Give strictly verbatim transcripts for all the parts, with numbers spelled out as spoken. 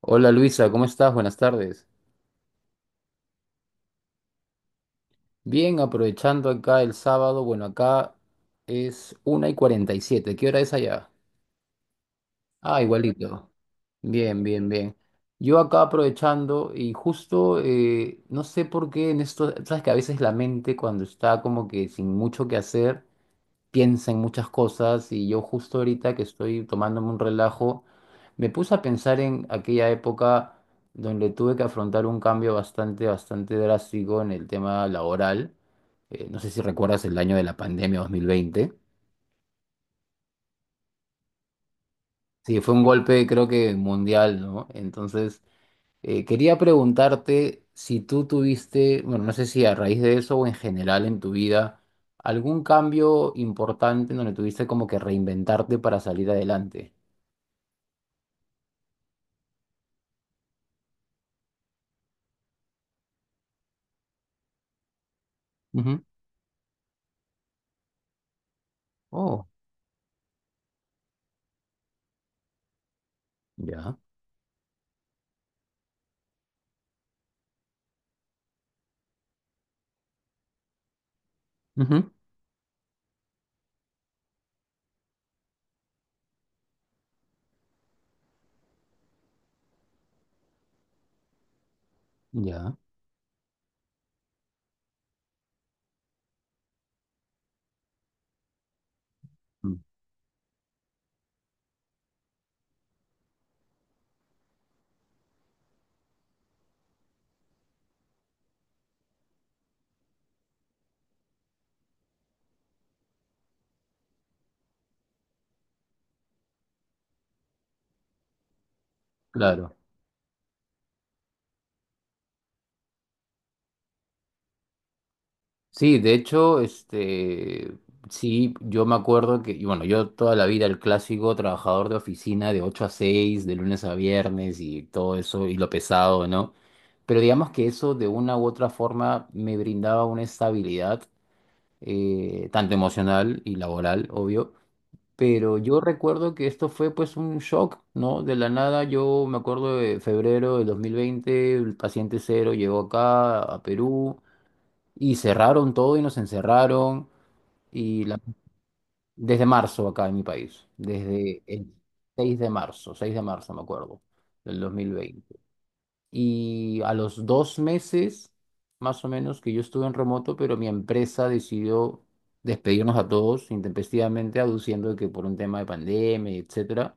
Hola Luisa, ¿cómo estás? Buenas tardes. Bien, aprovechando acá el sábado, bueno, acá es una y cuarenta y siete. ¿Qué hora es allá? Ah, igualito. Bien, bien, bien. Yo acá aprovechando y justo, eh, no sé por qué en esto, sabes que a veces la mente cuando está como que sin mucho que hacer, piensa en muchas cosas y yo justo ahorita que estoy tomándome un relajo, me puse a pensar en aquella época donde tuve que afrontar un cambio bastante, bastante drástico en el tema laboral. Eh, no sé si recuerdas el año de la pandemia dos mil veinte. Sí, fue un golpe creo que mundial, ¿no? Entonces, eh, quería preguntarte si tú tuviste, bueno, no sé si a raíz de eso o en general en tu vida, algún cambio importante en donde tuviste como que reinventarte para salir adelante. Ujú. Oh, ya. Ujú. Ya. Mm. Claro. Sí, de hecho, este, sí, yo me acuerdo que, y bueno, yo toda la vida el clásico trabajador de oficina de ocho a seis de lunes a viernes y todo eso, y lo pesado, ¿no? Pero digamos que eso de una u otra forma me brindaba una estabilidad, eh, tanto emocional y laboral, obvio. Pero yo recuerdo que esto fue pues un shock, ¿no? De la nada, yo me acuerdo de febrero del dos mil veinte, el paciente cero llegó acá a Perú y cerraron todo y nos encerraron y la- desde marzo acá en mi país, desde el 6 de marzo, 6 de marzo me acuerdo, del dos mil veinte. Y a los dos meses, más o menos, que yo estuve en remoto, pero mi empresa decidió despedirnos a todos intempestivamente, aduciendo que por un tema de pandemia, etc.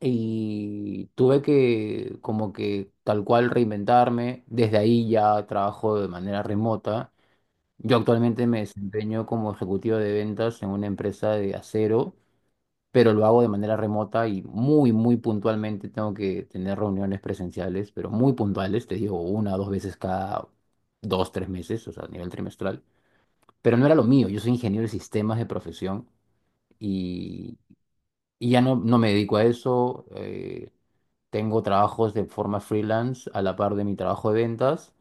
Y tuve que como que tal cual reinventarme. Desde ahí ya trabajo de manera remota. Yo actualmente me desempeño como ejecutivo de ventas en una empresa de acero, pero lo hago de manera remota y muy, muy puntualmente tengo que tener reuniones presenciales, pero muy puntuales, te digo, una o dos veces cada dos, tres meses, o sea, a nivel trimestral. Pero no era lo mío, yo soy ingeniero de sistemas de profesión y, y ya no, no me dedico a eso. Eh, tengo trabajos de forma freelance a la par de mi trabajo de ventas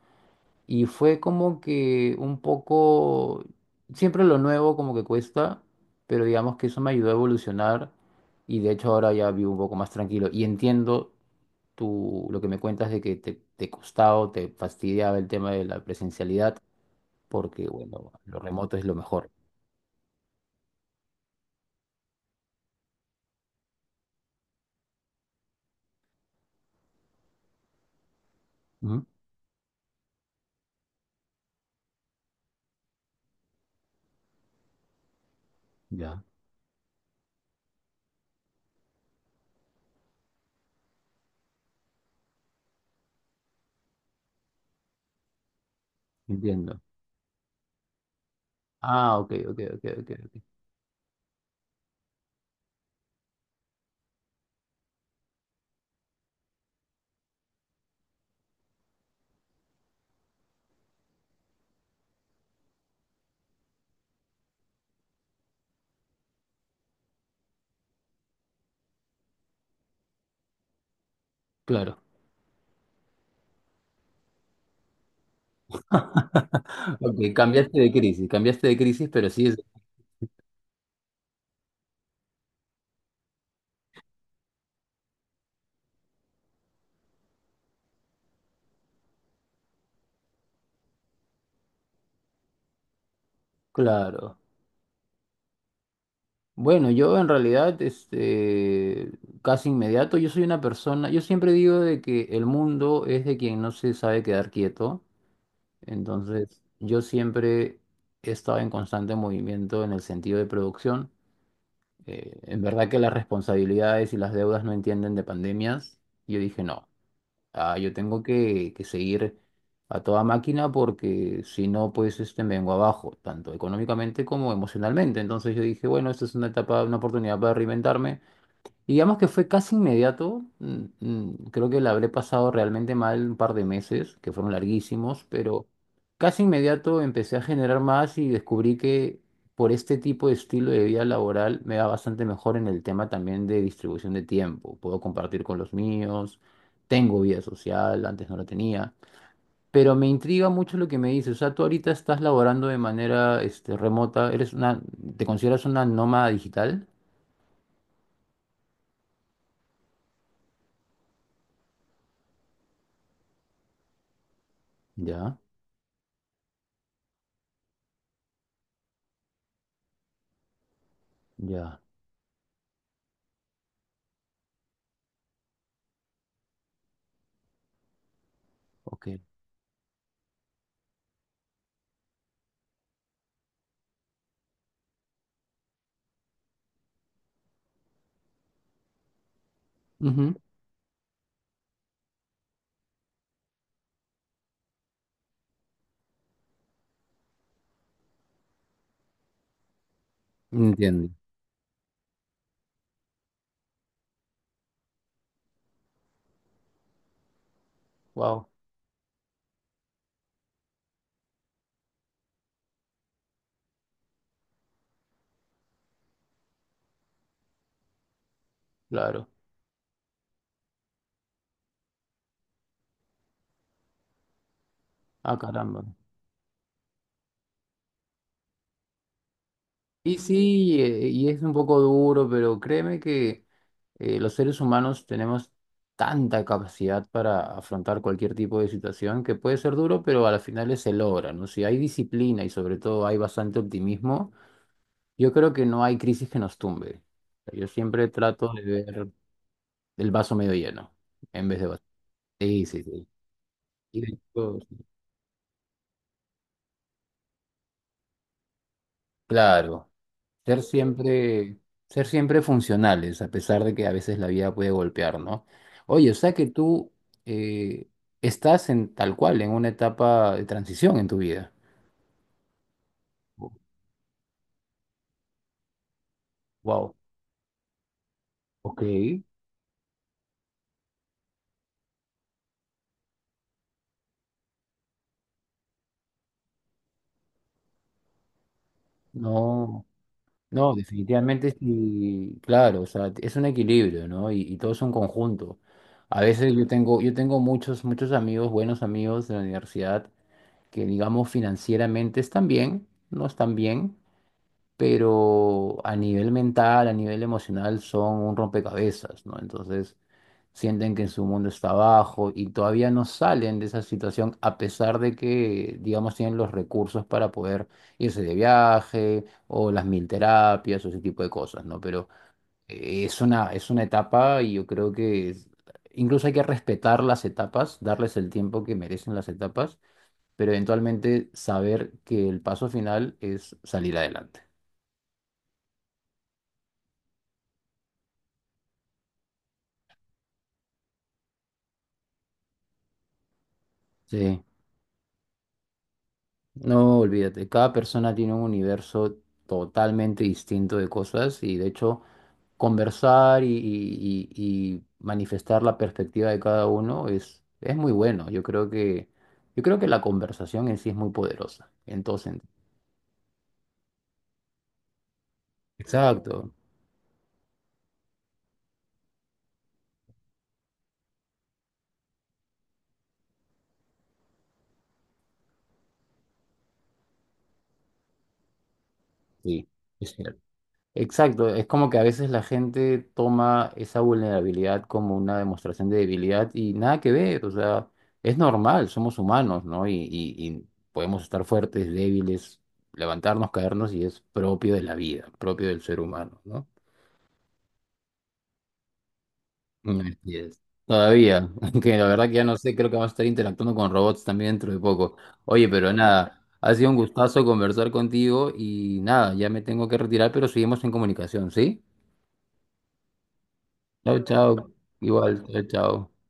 y fue como que un poco, siempre lo nuevo como que cuesta, pero digamos que eso me ayudó a evolucionar y de hecho ahora ya vivo un poco más tranquilo y entiendo tú lo que me cuentas de que te, te costaba, o te fastidiaba el tema de la presencialidad porque bueno, lo remoto es lo mejor. Ujú. Ya, entiendo. Ah, ok, ok, ok, ok, ok. Claro. Ok, cambiaste de crisis, cambiaste de crisis, pero sí. Claro. Bueno, yo en realidad, este, casi inmediato, yo soy una persona, yo siempre digo de que el mundo es de quien no se sabe quedar quieto, entonces yo siempre he estado en constante movimiento en el sentido de producción. Eh, en verdad que las responsabilidades y las deudas no entienden de pandemias. Yo dije, no, ah, yo tengo que, que seguir a toda máquina porque si no, pues este, me vengo abajo, tanto económicamente como emocionalmente. Entonces yo dije, bueno, esta es una etapa, una oportunidad para reinventarme. Digamos que fue casi inmediato. mm, mm, Creo que la habré pasado realmente mal un par de meses, que fueron larguísimos, pero casi inmediato empecé a generar más y descubrí que por este tipo de estilo de vida laboral me va bastante mejor en el tema también de distribución de tiempo. Puedo compartir con los míos, tengo vida social, antes no la tenía. Pero me intriga mucho lo que me dices. O sea, tú ahorita estás laborando de manera este, remota, eres una, ¿te consideras una nómada digital? Ya, ya, ok. Ujú. Entiendo. Wow, claro. Ah, caramba. Y sí, eh, y es un poco duro, pero créeme que eh, los seres humanos tenemos tanta capacidad para afrontar cualquier tipo de situación que puede ser duro, pero a las finales se logra, ¿no? Si hay disciplina y sobre todo hay bastante optimismo, yo creo que no hay crisis que nos tumbe. Yo siempre trato de ver el vaso medio lleno en vez de vacío. Sí, sí, sí. Y de hecho, claro. Ser siempre, ser siempre funcionales, a pesar de que a veces la vida puede golpear, ¿no? Oye, o sea que tú eh, estás en tal cual, en una etapa de transición en tu vida. Wow, ok. No, no, definitivamente sí, claro, o sea, es un equilibrio, ¿no? Y, y todo es un conjunto. A veces yo tengo, yo tengo muchos, muchos amigos, buenos amigos de la universidad, que digamos financieramente están bien, no están bien, pero a nivel mental, a nivel emocional, son un rompecabezas, ¿no? Entonces sienten que su mundo está abajo y todavía no salen de esa situación a pesar de que, digamos, tienen los recursos para poder irse de viaje o las mil terapias o ese tipo de cosas, ¿no? Pero eh, es una, es una etapa y yo creo que es- incluso hay que respetar las etapas, darles el tiempo que merecen las etapas, pero eventualmente saber que el paso final es salir adelante. Sí. No, olvídate, cada persona tiene un universo totalmente distinto de cosas y de hecho conversar y, y- y- y manifestar la perspectiva de cada uno es, es muy bueno. Yo creo que, yo creo que la conversación en sí es muy poderosa. Entonces, exacto, sí, es cierto. Exacto, es como que a veces la gente toma esa vulnerabilidad como una demostración de debilidad y nada que ver, o sea, es normal, somos humanos, ¿no? Y, y- y podemos estar fuertes, débiles, levantarnos, caernos y es propio de la vida, propio del ser humano, ¿no? Mm, así es. Todavía, aunque la verdad que ya no sé, creo que vamos a estar interactuando con robots también dentro de poco. Oye, pero nada, ha sido un gustazo conversar contigo y nada, ya me tengo que retirar, pero seguimos en comunicación, ¿sí? Chao, chao. Igual, chao, chao.